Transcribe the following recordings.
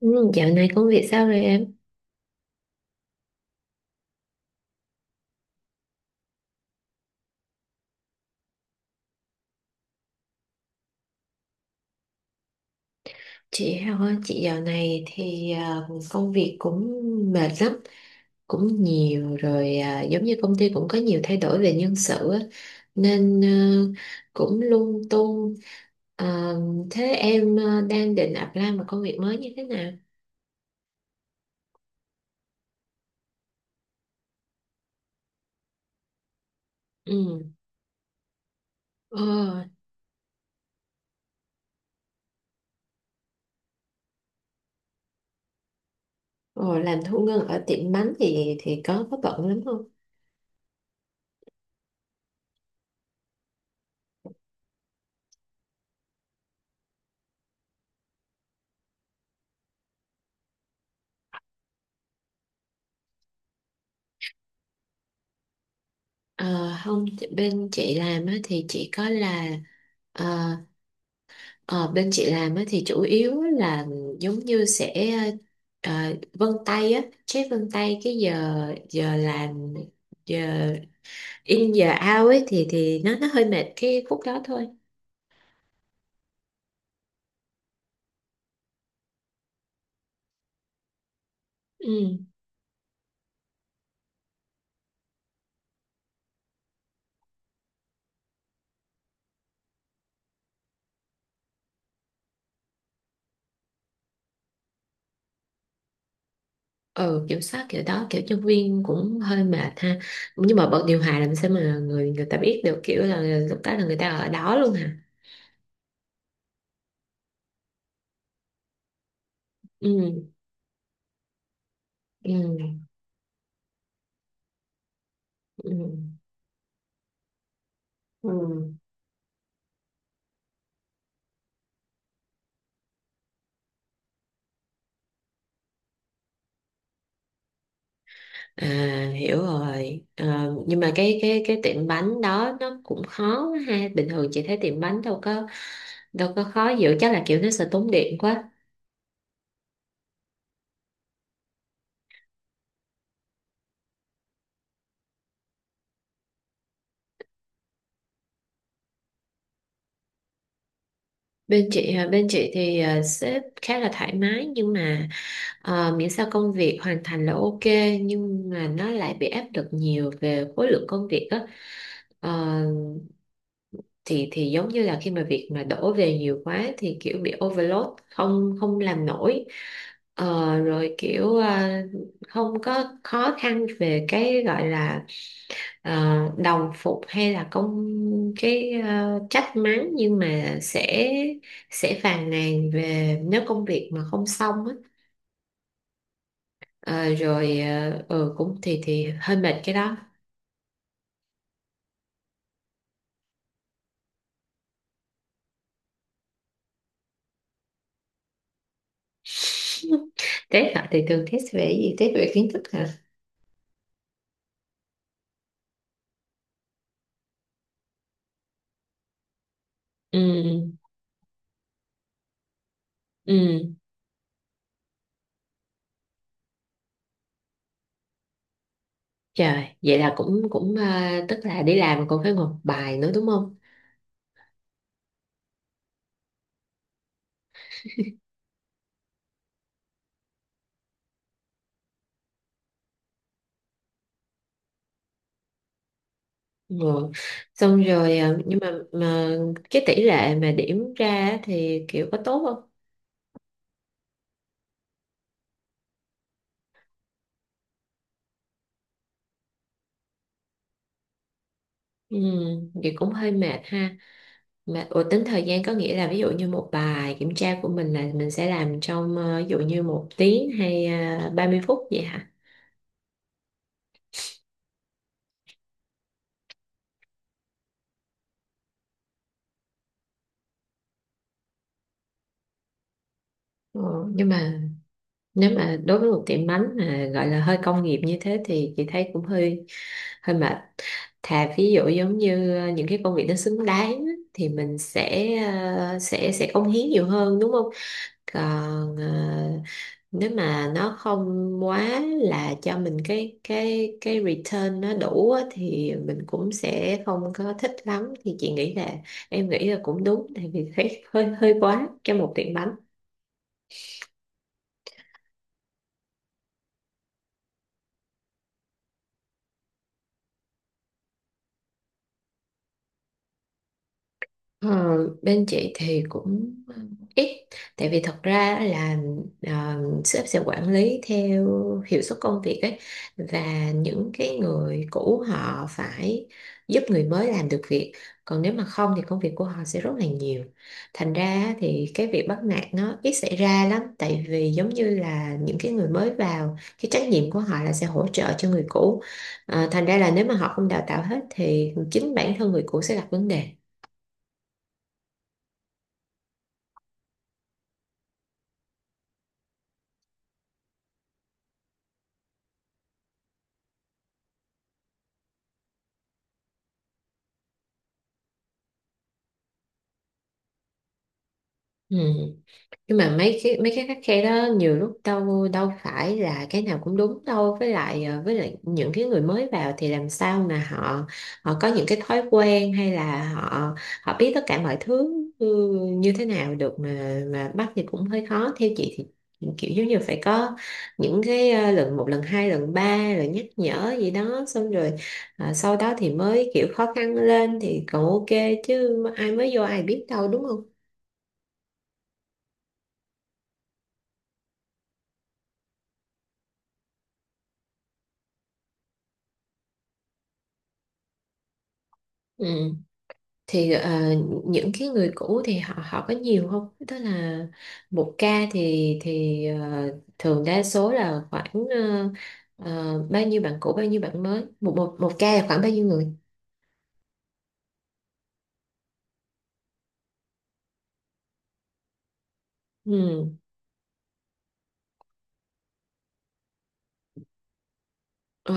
Ừ, dạo này công việc sao rồi em? Chị Hào, chị dạo này thì công việc cũng mệt lắm, cũng nhiều rồi à, giống như công ty cũng có nhiều thay đổi về nhân sự á, nên cũng lung tung. Ờ, thế em đang định apply một công việc mới như thế nào? Ừ. Ờ, ờ, làm thu ngân ở tiệm bánh thì có bận lắm không? Ờ, không, bên chị làm á, thì chỉ có là ờ, Ờ, bên chị làm á, thì chủ yếu là giống như sẽ ờ, vân tay á, check vân tay cái giờ giờ làm, giờ in giờ out ấy thì nó hơi mệt cái khúc đó thôi. Ừ. Ừ, kiểm soát kiểu đó, kiểu nhân viên cũng hơi mệt ha. Nhưng mà bật điều hòa làm sao mà người người ta biết được, kiểu là lúc đó là người ta ở đó luôn hả? Ừ. Ừ. Ừ, ừ. À, hiểu rồi. Ờ, nhưng mà cái tiệm bánh đó nó cũng khó quá ha, bình thường chị thấy tiệm bánh đâu có khó dữ, chắc là kiểu nó sẽ tốn điện quá. Bên chị hả? Bên chị thì sếp khá là thoải mái, nhưng mà miễn sao công việc hoàn thành là ok, nhưng mà nó lại bị áp lực nhiều về khối lượng công việc á. Ờ, thì giống như là khi mà việc mà đổ về nhiều quá thì kiểu bị overload, không không làm nổi. Rồi kiểu không có khó khăn về cái gọi là ờ, đồng phục hay là cái trách mắng, nhưng mà sẽ phàn nàn về nếu công việc mà không xong á. Ờ, rồi cũng thì hơi mệt cái đó. Test hả? Thì thường test về cái gì, test về kiến thức hả? Ừ. Ừ. Trời, vậy là cũng cũng à, tức là đi làm còn phải ngồi bài nữa đúng không? Ngồi. Xong rồi à, nhưng mà cái tỷ lệ mà điểm ra á thì kiểu có tốt không? Ừ, thì cũng hơi mệt ha. Mà ủa, tính thời gian có nghĩa là ví dụ như một bài kiểm tra của mình là mình sẽ làm trong ví dụ như 1 tiếng hay 30 phút vậy hả? Ừ, nhưng mà nếu mà đối với một tiệm bánh mà gọi là hơi công nghiệp như thế thì chị thấy cũng hơi hơi mệt, thà ví dụ giống như những cái công việc nó xứng đáng á, thì mình sẽ sẽ cống hiến nhiều hơn đúng không, còn nếu mà nó không quá là cho mình cái return nó đủ á, thì mình cũng sẽ không có thích lắm, thì chị nghĩ là em nghĩ là cũng đúng tại vì thấy hơi hơi quá cho một tiệm bánh. Ờ, bên chị thì cũng ít, tại vì thật ra là ờ, sếp sẽ quản lý theo hiệu suất công việc ấy, và những cái người cũ họ phải giúp người mới làm được việc, còn nếu mà không thì công việc của họ sẽ rất là nhiều, thành ra thì cái việc bắt nạt nó ít xảy ra lắm tại vì giống như là những cái người mới vào cái trách nhiệm của họ là sẽ hỗ trợ cho người cũ. Thành ra là nếu mà họ không đào tạo hết thì chính bản thân người cũ sẽ gặp vấn đề. Ừ. Nhưng mà mấy cái khắt khe đó nhiều lúc đâu đâu phải là cái nào cũng đúng đâu, với lại với lại những cái người mới vào thì làm sao mà họ họ có những cái thói quen hay là họ họ biết tất cả mọi thứ như thế nào được, mà bắt thì cũng hơi khó, theo chị thì kiểu giống như phải có những cái lần một, lần hai, lần ba rồi nhắc nhở gì đó, xong rồi sau đó thì mới kiểu khó khăn lên thì còn ok, chứ ai mới vô ai biết đâu đúng không? Ừ, thì những cái người cũ thì họ họ có nhiều không? Tức là một ca thì thường đa số là khoảng bao nhiêu bạn cũ, bao nhiêu bạn mới, một một một ca là khoảng bao nhiêu người? Ừ. Ờ,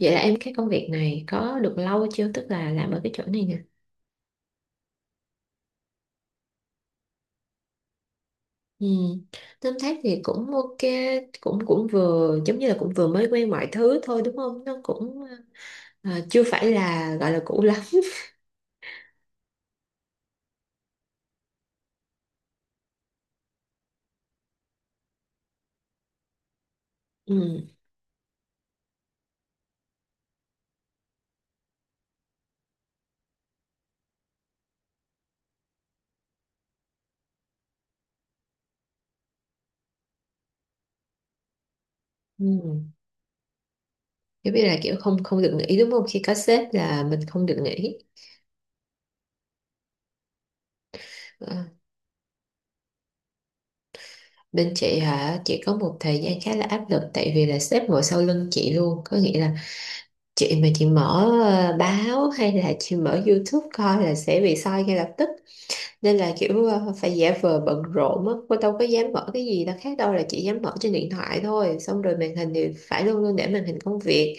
vậy là em, cái công việc này có được lâu chưa? Tức là làm ở cái chỗ này nè. Ừ. Tóm tắt thì cũng ok, cũng cũng vừa giống như là cũng vừa mới quen mọi thứ thôi đúng không? Nó cũng chưa phải là gọi là cũ lắm. Ừ. Ừ. Giống như là kiểu không không được nghỉ đúng không? Khi có sếp là mình không được nghỉ. Ờ, Bên chị hả? Chị có một thời gian khá là áp lực tại vì là sếp ngồi sau lưng chị luôn. Có nghĩa là chị mà chị mở báo hay là chị mở YouTube coi là sẽ bị soi ngay lập tức. Nên là kiểu phải giả vờ bận rộn á. Cô đâu có dám mở cái gì đâu khác đâu, là chị dám mở trên điện thoại thôi. Xong rồi màn hình thì phải luôn luôn để màn hình công việc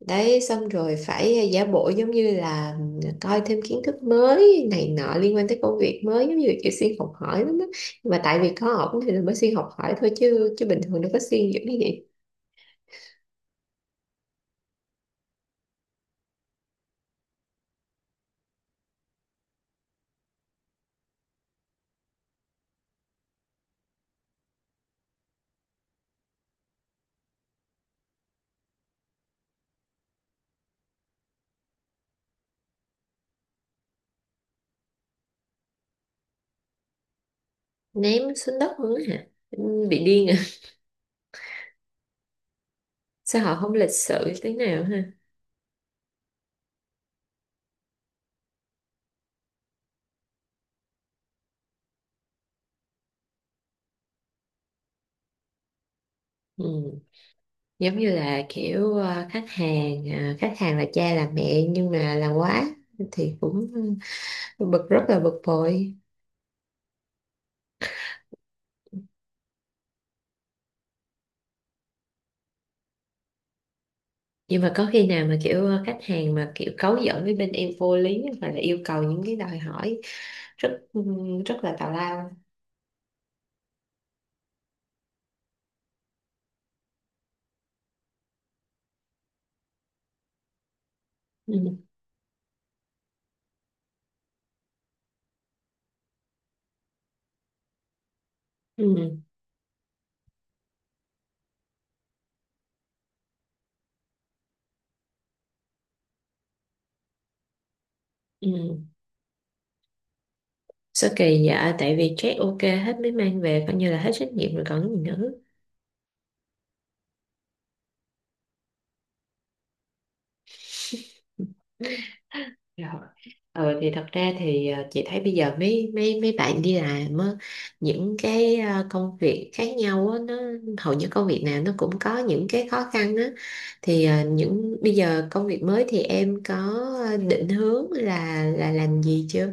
đấy, xong rồi phải giả bộ giống như là coi thêm kiến thức mới này nọ liên quan tới công việc mới, giống như là kiểu xuyên học hỏi lắm á, nhưng mà tại vì có ổn thì là mới xuyên học hỏi thôi, chứ chứ bình thường đâu có xuyên dữ như vậy. Ném xuống đất luôn á hả? Ừ, bị điên à? Sao họ không lịch sự tí nào ha. Ừ, giống như là kiểu khách hàng là cha là mẹ nhưng mà là quá thì cũng bực, rất là bực bội. Nhưng mà có khi nào mà kiểu khách hàng mà kiểu cấu giỡn với bên em vô lý hoặc là yêu cầu những cái đòi hỏi rất rất là tào lao? Ừ. Ừ. Ừ. Sao kỳ dạ, tại vì check ok hết mới mang về coi như là hết trách nhiệm rồi còn gì nữa. Rồi. Ừ, thì thật ra thì chị thấy bây giờ mấy mấy mấy bạn đi làm á, những cái công việc khác nhau á, nó hầu như công việc nào nó cũng có những cái khó khăn á, thì những bây giờ công việc mới thì em có định hướng là làm gì chưa?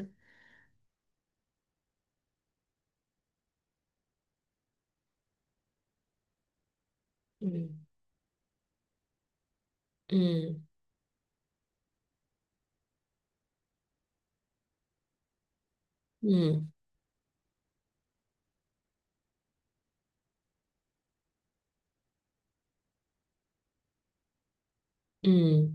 Ừ. Ừ. Ừ. Ừ.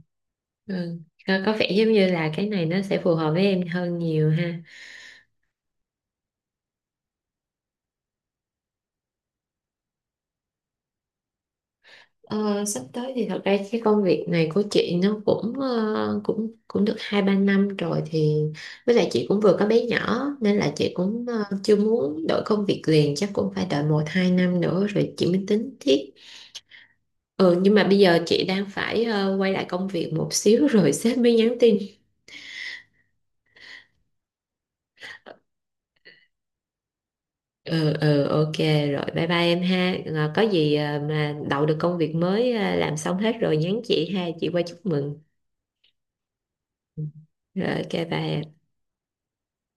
Ừ. Có vẻ giống như là cái này nó sẽ phù hợp với em hơn nhiều ha. Ờ, sắp tới thì thật ra cái công việc này của chị nó cũng ờ, cũng cũng được 2-3 năm rồi, thì với lại chị cũng vừa có bé nhỏ nên là chị cũng chưa muốn đổi công việc liền, chắc cũng phải đợi 1-2 năm nữa rồi chị mới tính tiếp. Ừ, nhưng mà bây giờ chị đang phải quay lại công việc một xíu rồi sếp mới nhắn tin. Ừ, ừ, ok rồi, bye bye em ha. Ờ, có gì mà đậu được công việc mới làm xong hết rồi nhắn chị ha, chị qua chúc mừng. Ừ. Rồi, ok, bye em.